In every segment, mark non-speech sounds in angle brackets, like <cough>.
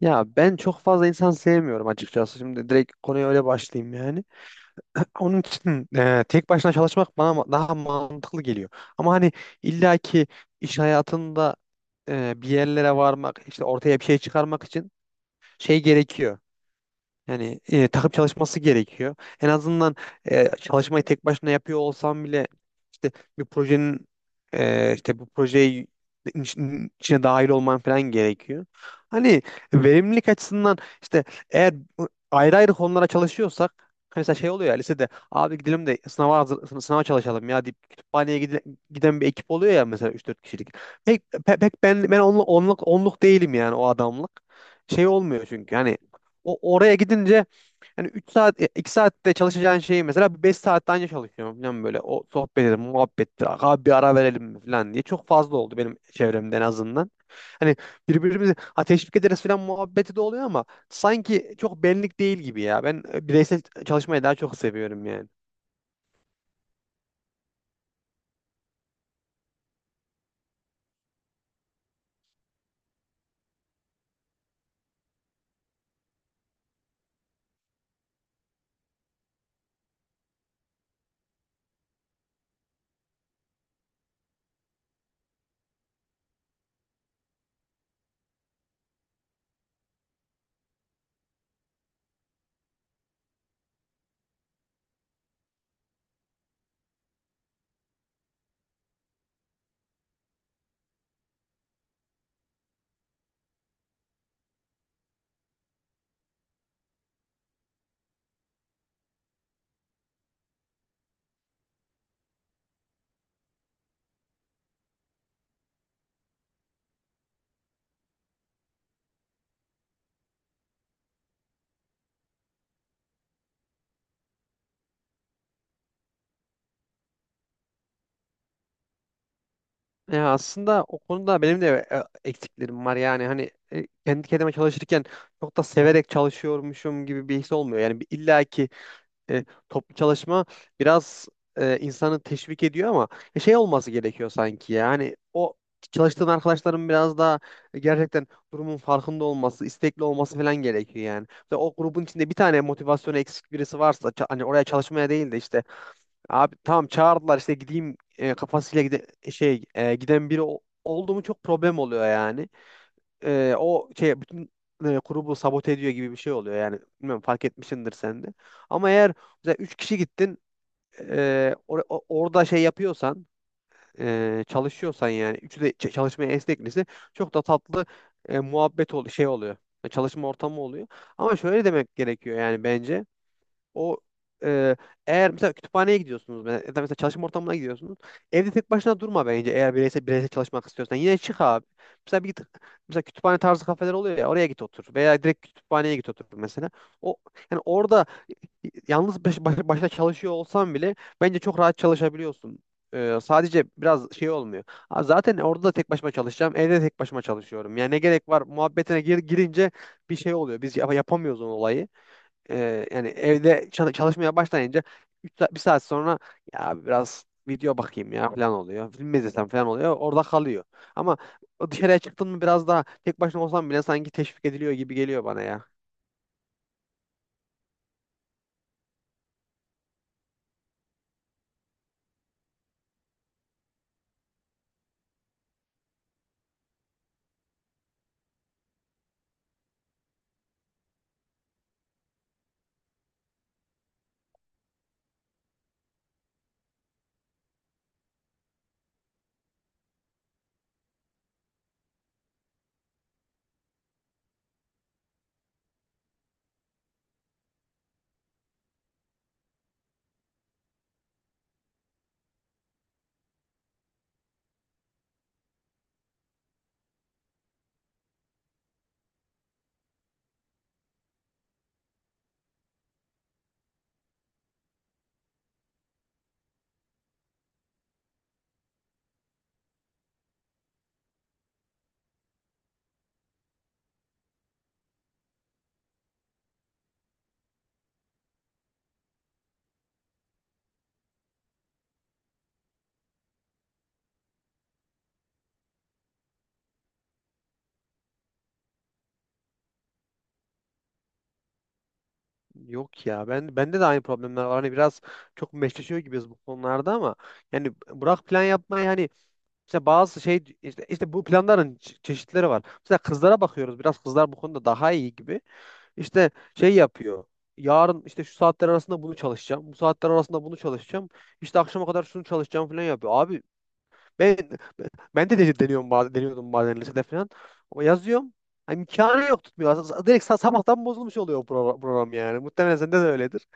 Ya ben çok fazla insan sevmiyorum açıkçası. Şimdi direkt konuya öyle başlayayım yani. <laughs> Onun için tek başına çalışmak bana daha mantıklı geliyor. Ama hani illaki iş hayatında bir yerlere varmak, işte ortaya bir şey çıkarmak için şey gerekiyor. Yani takım çalışması gerekiyor. En azından çalışmayı tek başına yapıyor olsam bile işte bir projenin işte bu projeyi içine dahil olman falan gerekiyor. Hani verimlilik açısından işte eğer ayrı ayrı konulara çalışıyorsak hani mesela şey oluyor ya lisede abi gidelim de sınava hazır, sınava çalışalım ya deyip kütüphaneye giden bir ekip oluyor ya mesela üç dört kişilik. Pek ben onluk değilim yani o adamlık. Şey olmuyor çünkü hani oraya gidince yani 3 saat 2 saatte çalışacağın şeyi mesela 5 saatte anca çalışıyorum falan böyle. O sohbet edelim, muhabbettir. Abi bir ara verelim mi falan diye çok fazla oldu benim çevremde en azından. Hani birbirimizi teşvik ederiz falan muhabbeti de oluyor ama sanki çok benlik değil gibi ya. Ben bireysel çalışmayı daha çok seviyorum yani. Ya aslında o konuda benim de eksiklerim var yani hani kendi kendime çalışırken çok da severek çalışıyormuşum gibi bir his olmuyor. Yani bir illaki toplu çalışma biraz insanı teşvik ediyor ama şey olması gerekiyor sanki yani o çalıştığın arkadaşların biraz daha gerçekten durumun farkında olması, istekli olması falan gerekiyor yani. Ve o grubun içinde bir tane motivasyonu eksik birisi varsa hani oraya çalışmaya değil de işte abi tamam çağırdılar işte gideyim kafasıyla gide şey giden biri oldu mu çok problem oluyor yani o şey bütün grubu sabote ediyor gibi bir şey oluyor. Yani bilmiyorum fark etmişsindir sen de. Ama eğer mesela 3 kişi gittin orada şey yapıyorsan çalışıyorsan yani üçü de çalışmaya esneklisi çok da tatlı muhabbet şey oluyor. Çalışma ortamı oluyor. Ama şöyle demek gerekiyor yani bence. O e, Eğer mesela kütüphaneye gidiyorsunuz ya da mesela çalışma ortamına gidiyorsunuz. Evde tek başına durma bence eğer bireysel bireysel çalışmak istiyorsan. Yine çık abi. Mesela mesela kütüphane tarzı kafeler oluyor ya oraya git otur veya direkt kütüphaneye git otur mesela. O Yani orada yalnız başına çalışıyor olsan bile bence çok rahat çalışabiliyorsun. Sadece biraz şey olmuyor. Ha, Zaten orada da tek başıma çalışacağım. Evde de tek başıma çalışıyorum. Yani ne gerek var muhabbetine girince bir şey oluyor. Biz yapamıyoruz o olayı yani evde çalışmaya başlayınca 3 saat, 1 saat sonra ya biraz video bakayım ya falan oluyor. Film mi izlesem falan oluyor. Orada kalıyor. Ama o dışarıya çıktın mı biraz daha tek başına olsam bile sanki teşvik ediliyor gibi geliyor bana ya. Yok ya ben bende de aynı problemler var. Hani biraz çok meşleşiyor gibiyiz bu konularda ama yani bırak plan yapmayı hani işte bazı şey işte bu planların çeşitleri var. Mesela kızlara bakıyoruz. Biraz kızlar bu konuda daha iyi gibi. İşte şey yapıyor. Yarın işte şu saatler arasında bunu çalışacağım. Bu saatler arasında bunu çalışacağım. İşte akşama kadar şunu çalışacağım falan yapıyor. Abi ben ben de deniyorum bazen, deniyordum bazen lisede falan. Ama yazıyorum. Hani imkanı yok tutmuyor. Direkt sabahtan bozulmuş oluyor o program yani. Muhtemelen sende de öyledir.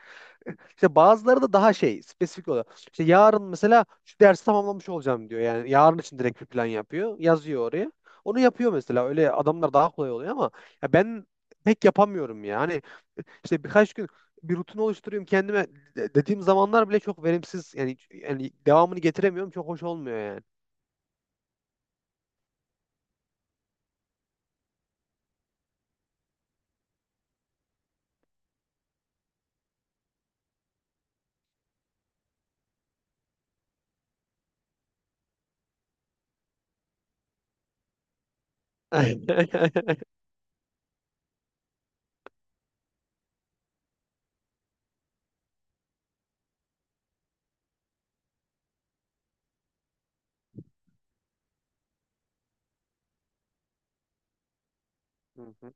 İşte bazıları da daha şey spesifik oluyor. İşte yarın mesela şu dersi tamamlamış olacağım diyor. Yani yarın için direkt bir plan yapıyor. Yazıyor oraya. Onu yapıyor mesela. Öyle adamlar daha kolay oluyor ama ya ben pek yapamıyorum yani. İşte birkaç gün bir rutin oluşturuyorum kendime dediğim zamanlar bile çok verimsiz yani devamını getiremiyorum çok hoş olmuyor yani. <laughs> Hı hı.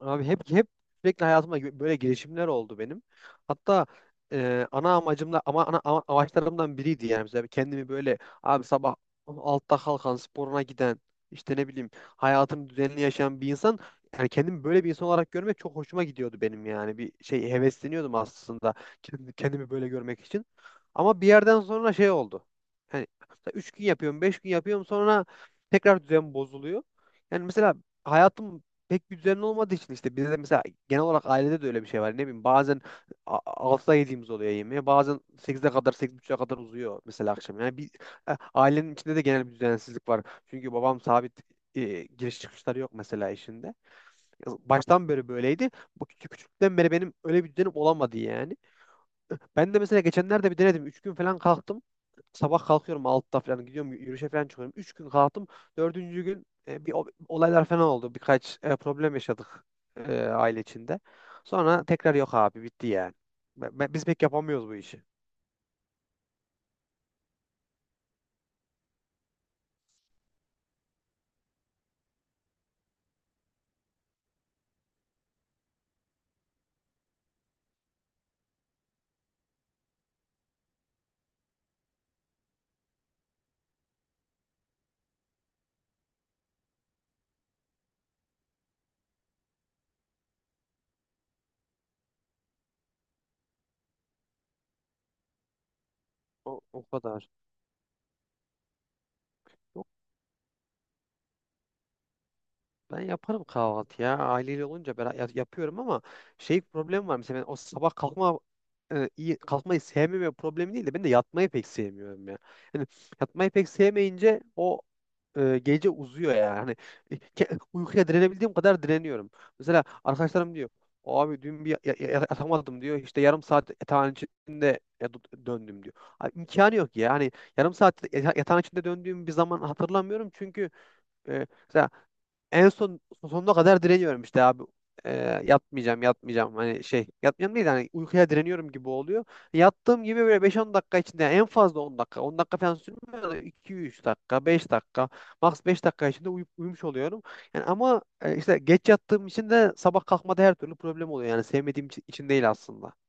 Abi hep sürekli hayatımda böyle girişimler oldu benim. Hatta ana amacımda ama amaçlarımdan biriydi yani mesela kendimi böyle abi sabah altta kalkan sporuna giden işte ne bileyim hayatını düzenli yaşayan bir insan yani kendimi böyle bir insan olarak görmek çok hoşuma gidiyordu benim yani bir şey hevesleniyordum aslında kendimi böyle görmek için. Ama bir yerden sonra şey oldu. Yani 3 gün yapıyorum, 5 gün yapıyorum sonra tekrar düzen bozuluyor. Yani mesela hayatım pek bir düzenli olmadığı için işte bizde de mesela genel olarak ailede de öyle bir şey var. Ne bileyim bazen a- 6'da yediğimiz oluyor yemeği. Bazen 8'e kadar 8:30'a kadar uzuyor mesela akşam. Yani bir ailenin içinde de genel bir düzensizlik var. Çünkü babam sabit giriş çıkışları yok mesela işinde. Baştan beri böyleydi. Bu küçüklükten beri benim öyle bir düzenim olamadı yani. Ben de mesela geçenlerde bir denedim. Üç gün falan kalktım. Sabah kalkıyorum 6'da falan gidiyorum yürüyüşe falan çıkıyorum. Üç gün kalktım. Dördüncü gün bir olaylar falan oldu. Birkaç problem yaşadık aile içinde. Sonra tekrar yok abi bitti yani. Biz pek yapamıyoruz bu işi. O kadar. Yok ben yaparım kahvaltı ya. Aileyle olunca ben yapıyorum ama şey problem var. Mesela ben o sabah kalkma iyi kalkmayı sevmeme problemi değil de ben de yatmayı pek sevmiyorum ya. Yani yatmayı pek sevmeyince o gece uzuyor yani. Hani uykuya direnebildiğim kadar direniyorum. Mesela arkadaşlarım diyor abi dün bir yatamadım diyor. İşte yarım saat yatağın içinde döndüm diyor. Abi, imkanı yok ya. Hani yarım saat yatağın içinde döndüğüm bir zaman hatırlamıyorum. Çünkü mesela en son sonuna kadar direniyorum işte abi. E, Yatmayacağım yatmayacağım hani şey yatmayacağım değil hani uykuya direniyorum gibi oluyor. Yattığım gibi böyle beş on dakika içinde yani en fazla 10 dakika on dakika falan sürmüyor da iki üç dakika 5 dakika max 5 dakika içinde uyumuş oluyorum. Yani ama işte geç yattığım için de sabah kalkmada her türlü problem oluyor yani sevmediğim için değil aslında.